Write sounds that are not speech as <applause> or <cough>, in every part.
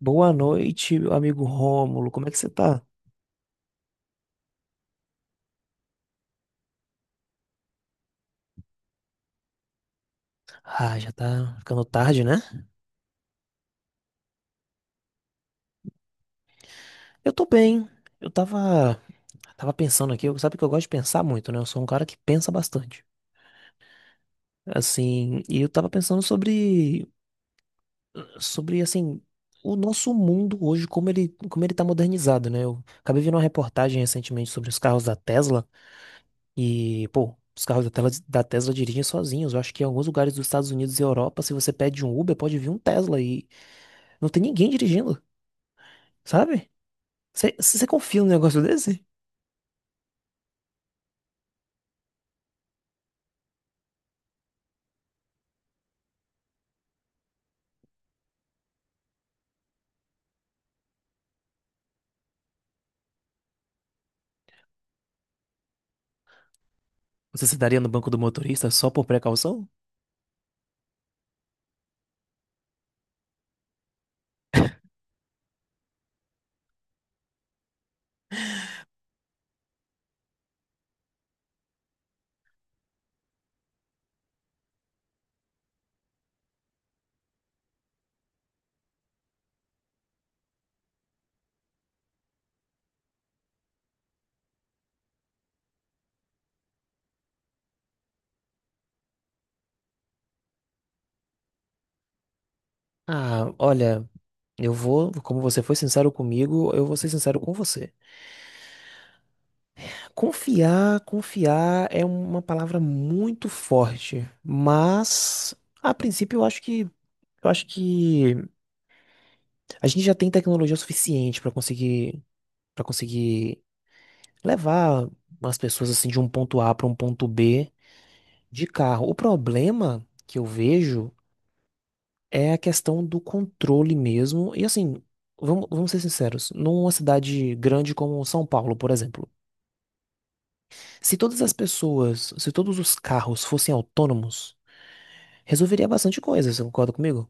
Boa noite, meu amigo Rômulo. Como é que você tá? Ah, já tá ficando tarde, né? Eu tô bem. Eu tava pensando aqui, sabe que eu gosto de pensar muito, né? Eu sou um cara que pensa bastante. Assim, e eu tava pensando sobre assim, o nosso mundo hoje, como ele tá modernizado, né? Eu acabei vendo uma reportagem recentemente sobre os carros da Tesla e, pô, os carros da Tesla, dirigem sozinhos. Eu acho que em alguns lugares dos Estados Unidos e Europa, se você pede um Uber, pode vir um Tesla e não tem ninguém dirigindo. Sabe? Você confia num negócio desse? Você se daria no banco do motorista só por precaução? Ah, olha, eu vou, como você foi sincero comigo, eu vou ser sincero com você. Confiar é uma palavra muito forte, mas a princípio eu acho que a gente já tem tecnologia suficiente para conseguir levar as pessoas assim de um ponto A para um ponto B de carro. O problema que eu vejo é a questão do controle mesmo. E assim, vamos ser sinceros, numa cidade grande como São Paulo, por exemplo, se todas as pessoas, se todos os carros fossem autônomos, resolveria bastante coisa, você concorda comigo?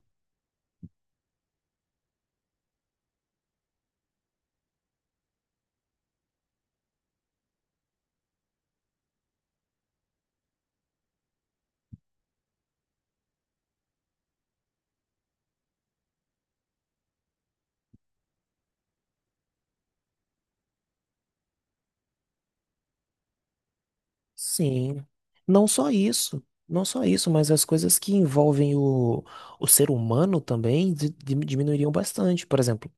Sim. Não só isso, não só isso, mas as coisas que envolvem o ser humano também diminuiriam bastante. Por exemplo,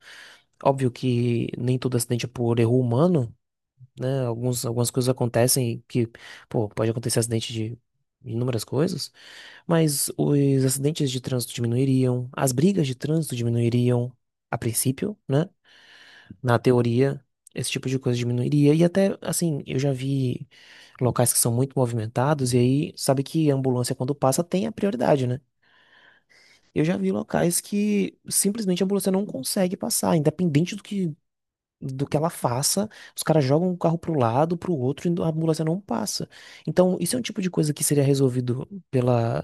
óbvio que nem todo acidente é por erro humano, né? Algumas coisas acontecem que, pô, pode acontecer acidente de inúmeras coisas, mas os acidentes de trânsito diminuiriam, as brigas de trânsito diminuiriam, a princípio, né? Na teoria, esse tipo de coisa diminuiria. E até, assim, eu já vi locais que são muito movimentados, e aí, sabe que a ambulância, quando passa, tem a prioridade, né? Eu já vi locais que simplesmente a ambulância não consegue passar, independente do que ela faça, os caras jogam o carro pro lado, pro outro, e a ambulância não passa. Então, isso é um tipo de coisa que seria resolvido pela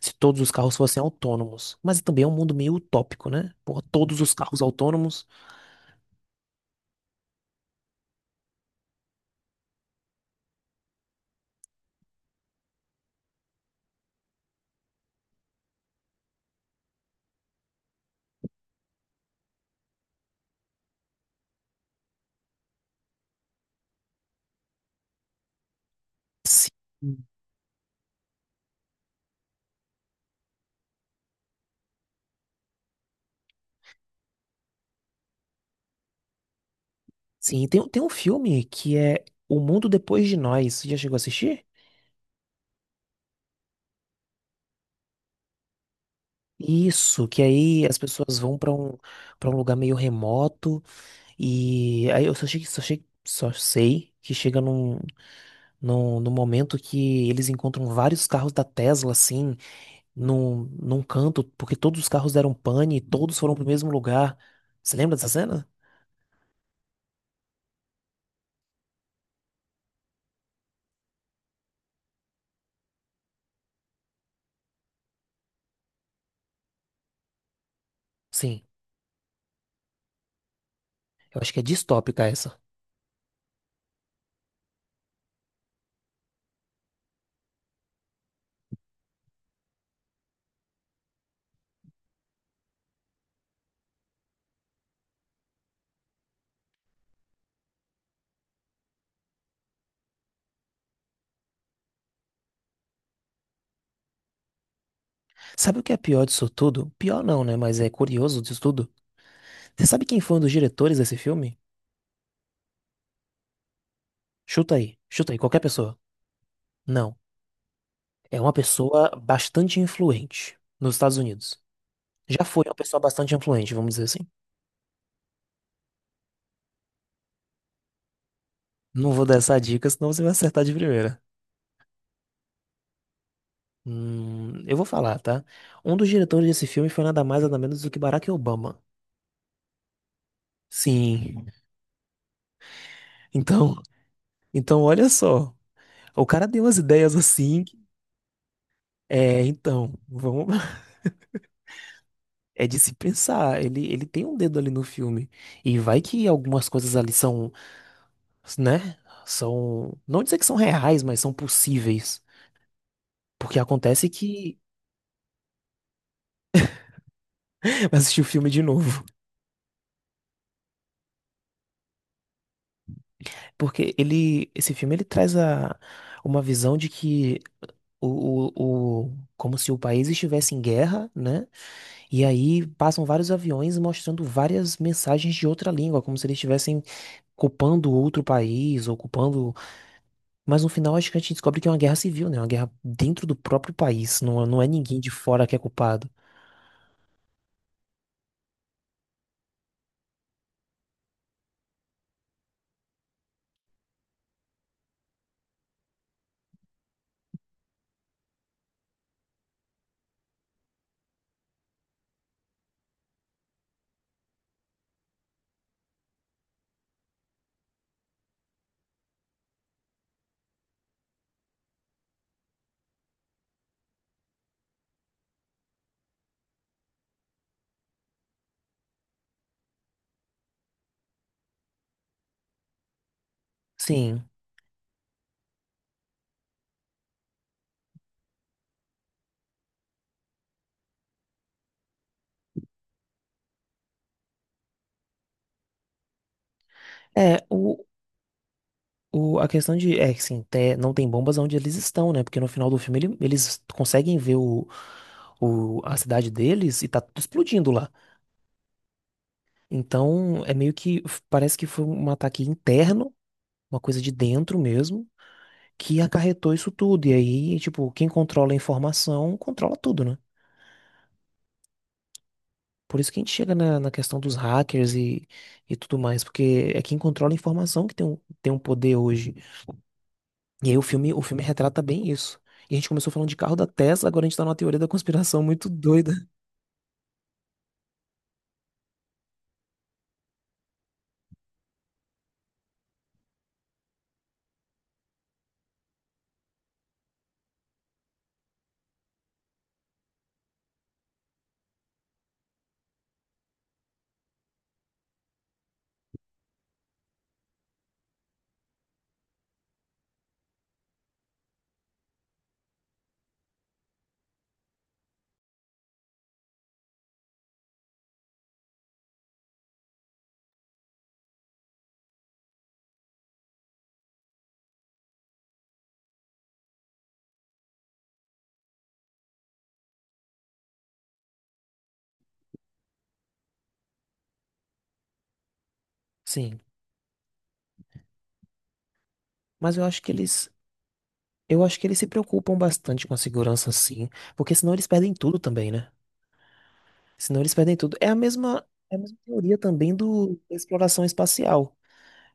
se todos os carros fossem autônomos. Mas também é um mundo meio utópico, né? Porra, todos os carros autônomos. Sim. Sim, tem um filme que é O Mundo Depois de Nós. Você já chegou a assistir? Isso, que aí as pessoas vão para um lugar meio remoto e aí eu só achei, só achei, só sei que chega num No, no momento que eles encontram vários carros da Tesla, assim, num canto, porque todos os carros deram pane e todos foram pro mesmo lugar. Você lembra dessa cena? Sim, eu acho que é distópica essa. Sabe o que é pior disso tudo? Pior não, né? Mas é curioso disso tudo. Você sabe quem foi um dos diretores desse filme? Qualquer pessoa. Não, é uma pessoa bastante influente nos Estados Unidos. Já foi uma pessoa bastante influente, vamos dizer assim. Não vou dar essa dica, senão você vai acertar de primeira. Eu vou falar, tá? Um dos diretores desse filme foi nada mais nada menos do que Barack Obama. Sim. Então, então olha só. O cara deu umas ideias assim. É, então, vamos. <laughs> É de se pensar. Ele tem um dedo ali no filme. E vai que algumas coisas ali são, né? São. Não dizer que são reais, mas são possíveis. Porque acontece que. <laughs> Vai assistir o filme de novo. Porque ele. Esse filme ele traz uma visão de que como se o país estivesse em guerra, né? E aí passam vários aviões mostrando várias mensagens de outra língua, como se eles estivessem ocupando outro país, ocupando. Mas no final acho que a gente descobre que é uma guerra civil, né? Uma guerra dentro do próprio país. Não é ninguém de fora que é culpado. Sim. É, o. A questão de, é que assim, não tem bombas onde eles estão, né? Porque no final do filme eles conseguem ver o, a cidade deles e tá tudo explodindo lá. Então, é meio que parece que foi um ataque interno, uma coisa de dentro mesmo, que acarretou isso tudo. E aí, tipo, quem controla a informação controla tudo, né? Por isso que a gente chega na questão dos hackers e tudo mais, porque é quem controla a informação que tem um poder hoje. E aí o filme retrata bem isso. E a gente começou falando de carro da Tesla, agora a gente tá numa teoria da conspiração muito doida. Sim, mas eu acho que eles se preocupam bastante com a segurança, sim, porque senão eles perdem tudo também, né? Senão eles perdem tudo. É a mesma teoria também da exploração espacial.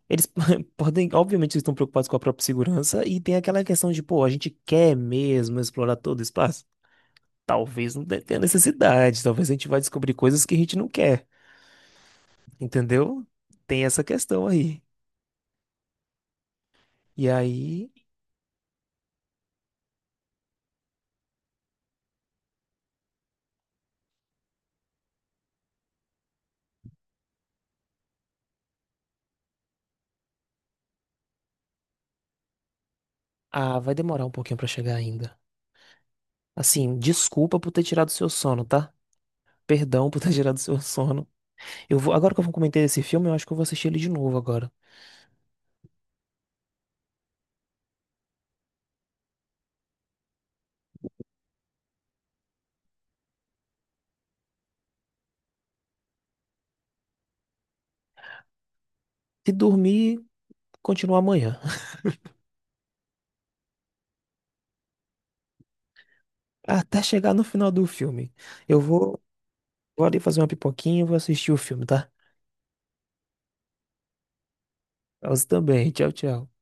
Eles <laughs> podem, obviamente, eles estão preocupados com a própria segurança e tem aquela questão de, pô, a gente quer mesmo explorar todo o espaço? Talvez não tenha necessidade, talvez a gente vai descobrir coisas que a gente não quer, entendeu? Tem essa questão aí. E aí, ah, vai demorar um pouquinho pra chegar ainda. Assim, desculpa por ter tirado seu sono, tá? Perdão por ter <laughs> tirado seu sono. Eu vou, agora que eu vou comentar esse filme, eu acho que eu vou assistir ele de novo agora. Se dormir, continua amanhã. Até chegar no final do filme. Eu vou, vou ali fazer uma pipoquinha e vou assistir o filme, tá? Você também. Tchau, tchau.